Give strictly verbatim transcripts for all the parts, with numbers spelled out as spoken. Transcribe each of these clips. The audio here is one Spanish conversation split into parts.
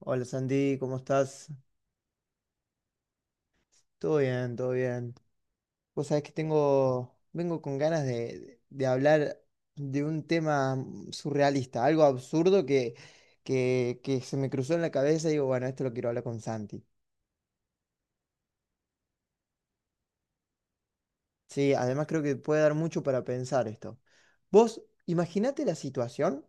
Hola Sandy, ¿cómo estás? Todo bien, todo bien. Vos sabés que tengo, vengo con ganas de, de hablar de un tema mm, surrealista, algo absurdo que, que, que se me cruzó en la cabeza y digo, bueno, esto lo quiero hablar con Santi. Sí, además creo que puede dar mucho para pensar esto. Vos, imaginate la situación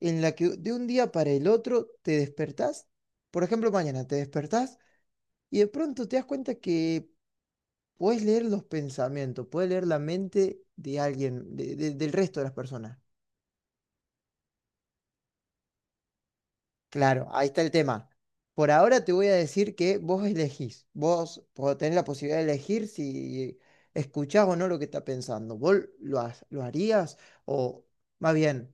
en la que de un día para el otro te despertás, por ejemplo, mañana te despertás y de pronto te das cuenta que puedes leer los pensamientos, puedes leer la mente de alguien, de- de- del resto de las personas. Claro, ahí está el tema. Por ahora te voy a decir que vos elegís, vos po- tenés la posibilidad de elegir si escuchás o no lo que está pensando. ¿Vos lo, ha- lo harías? O más bien,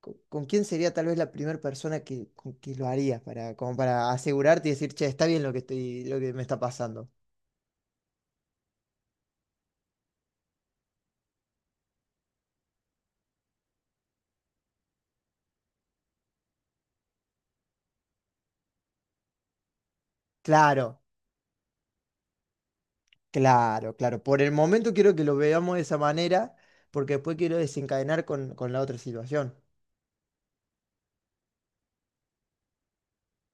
co- ¿con quién sería tal vez la primera persona que, con que lo harías para, como para asegurarte y decir, che, está bien lo que estoy, lo que me está pasando? Claro. Claro, claro. Por el momento quiero que lo veamos de esa manera, porque después quiero desencadenar con, con la otra situación.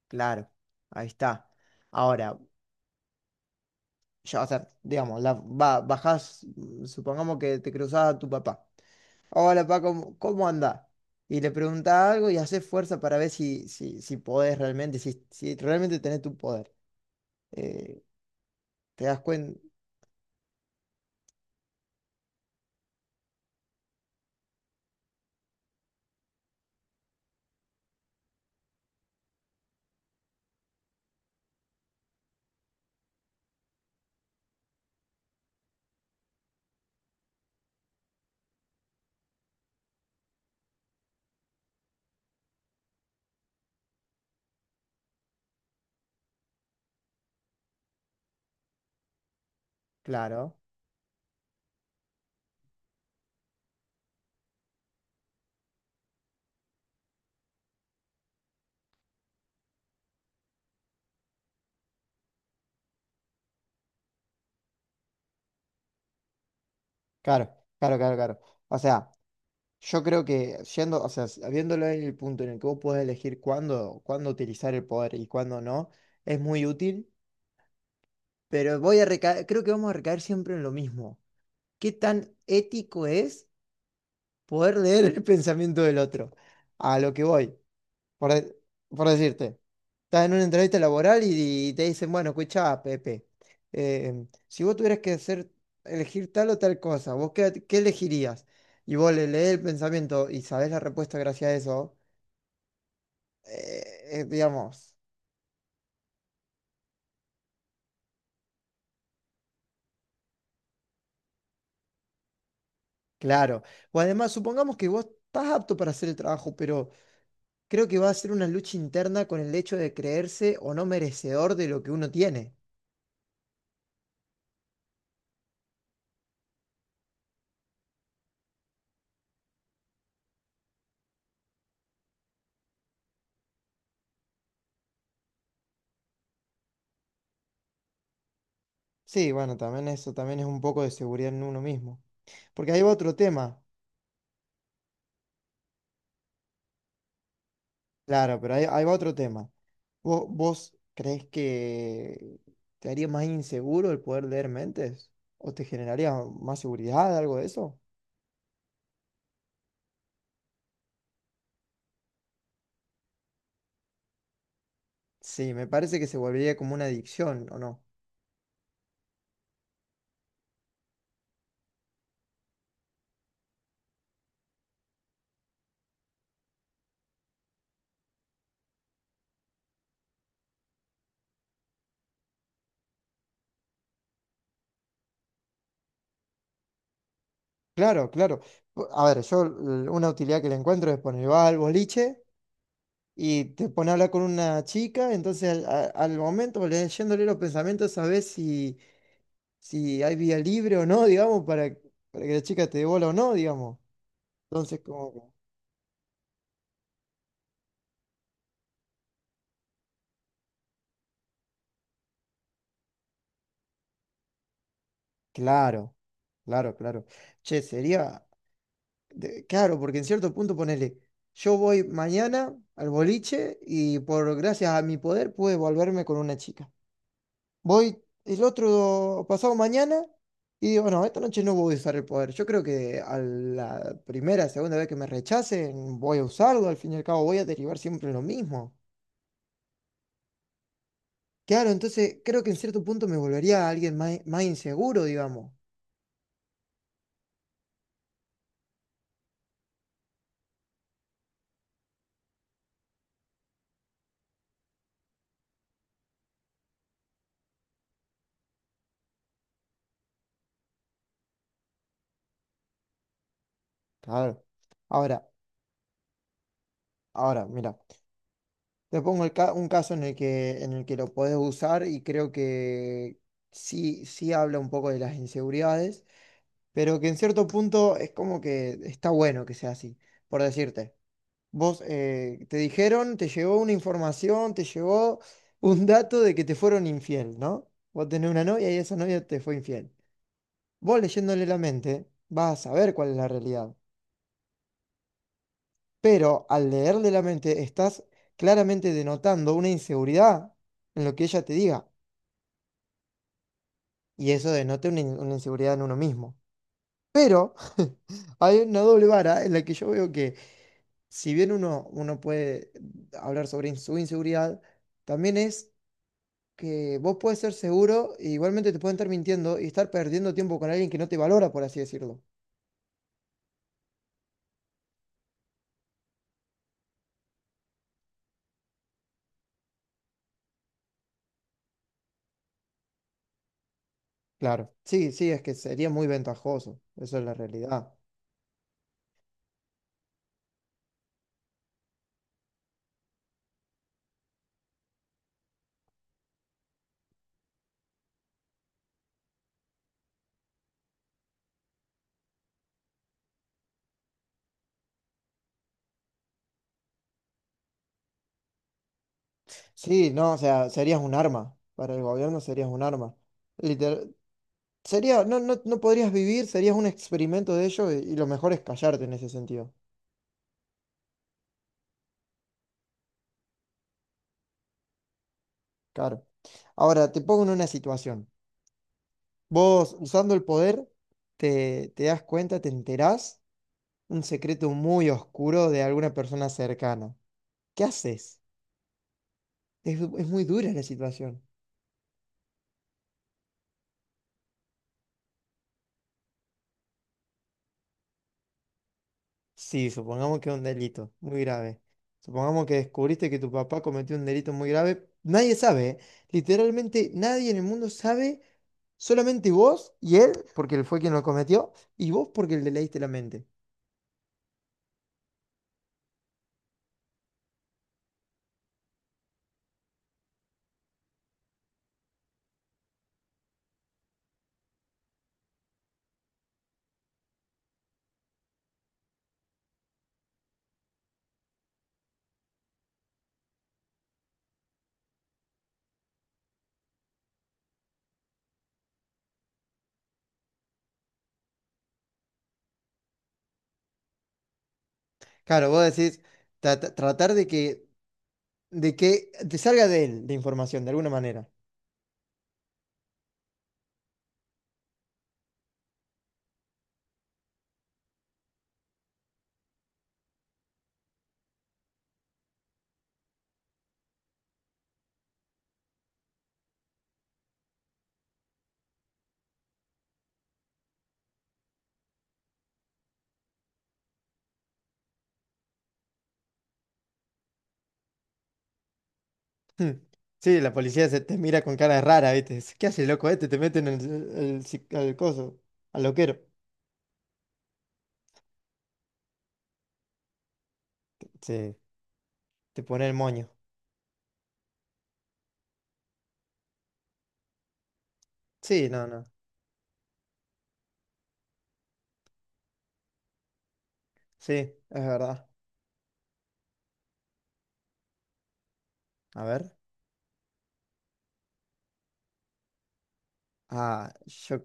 Claro, ahí está. Ahora, ya, o sea, digamos, la, ba- bajás, mm, supongamos que te cruzás a tu papá. Hola, papá, ¿cómo, cómo andás? Y le preguntás algo y haces fuerza para ver si, si, si podés realmente, si, si realmente tenés tu poder. Eh, ¿te das cuenta? Claro, claro, claro, claro, claro. O sea. Yo creo que yendo, o sea, s- viéndolo en el punto en el que vos podés elegir cuándo, cuándo utilizar el poder y cuándo no, es muy útil, pero voy a recaer, creo que vamos a recaer siempre en lo mismo. ¿Qué tan ético es poder leer el pensamiento del otro? A lo que voy, por, de- por decirte, estás en una entrevista laboral y, y te dicen, bueno, escuchá, Pepe, eh, si vos tuvieras que hacer, elegir tal o tal cosa, ¿vos qué, qué elegirías? Y vos le lees el pensamiento y sabés la respuesta gracias a eso. eh, eh, digamos, claro. O además, supongamos que vos estás apto para hacer el trabajo, pero creo que va a ser una lucha interna con el hecho de creerse o no merecedor de lo que uno tiene. Sí, bueno, también eso también es un poco de seguridad en uno mismo. Porque ahí va otro tema. Claro, pero ahí, ahí va otro tema. ¿Vos, vos crees que te haría más inseguro el poder leer mentes? ¿O te generaría más seguridad, algo de eso? Sí, me parece que se volvería como una adicción, ¿o no? Claro, claro. A ver, yo l- una utilidad que le encuentro es poner, va al boliche y te pone a hablar con una chica, entonces al, a- al momento, leyéndole los pensamientos, sabes si, si hay vía libre o no, digamos, para, para que la chica te dé bola o no, digamos. Entonces, como, que- claro, claro, claro. Che, sería, de- claro, porque en cierto punto ponele, yo voy mañana al boliche y por gracias a mi poder pude volverme con una chica. Voy el otro pasado mañana y digo, no, esta noche no voy a usar el poder. Yo creo que a la primera, segunda vez que me rechacen, voy a usarlo. Al fin y al cabo, voy a derivar siempre en lo mismo. Claro, entonces creo que en cierto punto me volvería alguien más, más inseguro, digamos. Claro. Ahora, ahora, mira, te pongo el ca- un caso en el que, en el que lo podés usar y creo que sí, sí habla un poco de las inseguridades, pero que en cierto punto es como que está bueno que sea así, por decirte. Vos eh, te dijeron, te llegó una información, te llegó un dato de que te fueron infiel, ¿no? Vos tenés una novia y esa novia te fue infiel. Vos leyéndole la mente, vas a saber cuál es la realidad. Pero al leerle la mente, estás claramente denotando una inseguridad en lo que ella te diga. Y eso denota una, in- una inseguridad en uno mismo. Pero hay una doble vara en la que yo veo que, si bien uno, uno puede hablar sobre in- su inseguridad, también es que vos puedes ser seguro e igualmente te pueden estar mintiendo y estar perdiendo tiempo con alguien que no te valora, por así decirlo. Claro. Sí, sí, es que sería muy ventajoso. Eso es la realidad. Sí, no, o sea, serías un arma. Para el gobierno serías un arma. Literal, sería, no, no, no podrías vivir, serías un experimento de ellos y, y lo mejor es callarte en ese sentido. Claro. Ahora, te pongo en una situación. Vos, usando el poder, te, te das cuenta, te enterás un secreto muy oscuro de alguna persona cercana. ¿Qué haces? Es, es muy dura la situación. Sí, supongamos que es un delito muy grave. Supongamos que descubriste que tu papá cometió un delito muy grave. Nadie sabe, ¿eh? Literalmente nadie en el mundo sabe, solamente vos y él, porque él fue quien lo cometió, y vos porque le leíste la mente. Claro, vos decís "Tra- tra- tratar de que, de que te salga de él la información de alguna manera. Hmm. Sí, la policía se te mira con cara rara, ¿viste? ¿Qué hace, loco? Este te meten al, al, psi- al coso, al loquero. Sí, te pone el moño. Sí, no, no. Sí, es verdad. A ver. Ah, yo.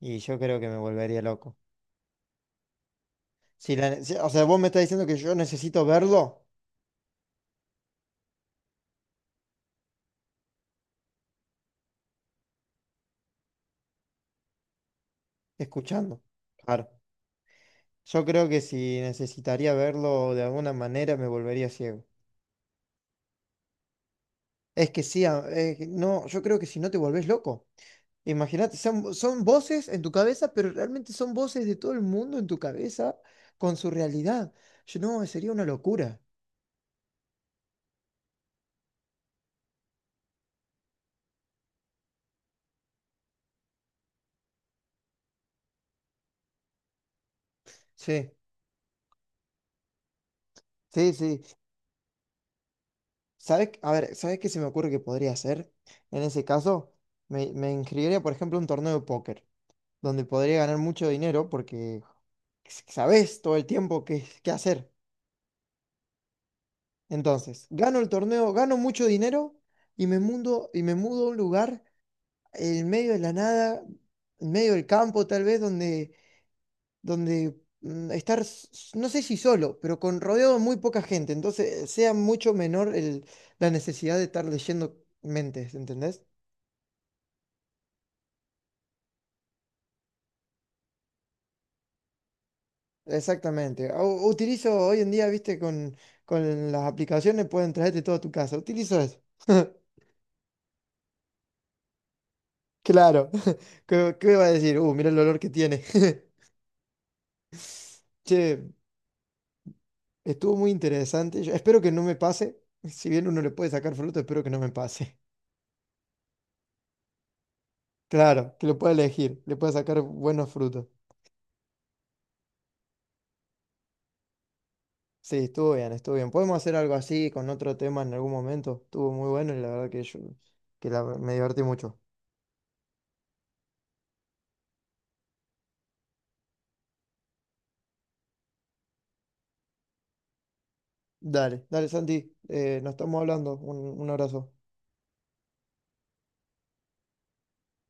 Y yo creo que me volvería loco. Si la- si- o sea, vos me estás diciendo que yo necesito verlo escuchando. Claro. Yo creo que si necesitaría verlo de alguna manera me volvería ciego. Es que sí, a- es que no, yo creo que si no te volvés loco. Imagínate, son, son voces en tu cabeza, pero realmente son voces de todo el mundo en tu cabeza con su realidad. Yo no, sería una locura. Sí. Sí, sí. ¿Sabes? A ver, ¿sabes qué se me ocurre que podría hacer? En ese caso, me, me inscribiría, por ejemplo, a un torneo de póker, donde podría ganar mucho dinero porque s- sabes todo el tiempo qué, qué hacer. Entonces, gano el torneo, gano mucho dinero y me mudo, y me mudo a un lugar en medio de la nada, en medio del campo tal vez, donde, donde mm, estar, s- s- no sé si solo, pero con rodeado de muy poca gente. Entonces, sea mucho menor el- la necesidad de estar leyendo mentes, ¿entendés? Exactamente. U- utilizo hoy en día, viste, con, con las aplicaciones pueden traerte todo a tu casa. Utilizo eso. Claro. ¿Qué, qué va a decir? Uh, mira el olor que tiene. Che, estuvo muy interesante. Yo espero que no me pase. Si bien uno le puede sacar fruto, espero que no me pase. Claro, que lo pueda elegir. Le pueda sacar buenos frutos. Sí, estuvo bien, estuvo bien. Podemos hacer algo así con otro tema en algún momento. Estuvo muy bueno y la verdad que yo que la- me divertí mucho. Dale, dale, Santi. eh, nos estamos hablando. un un abrazo.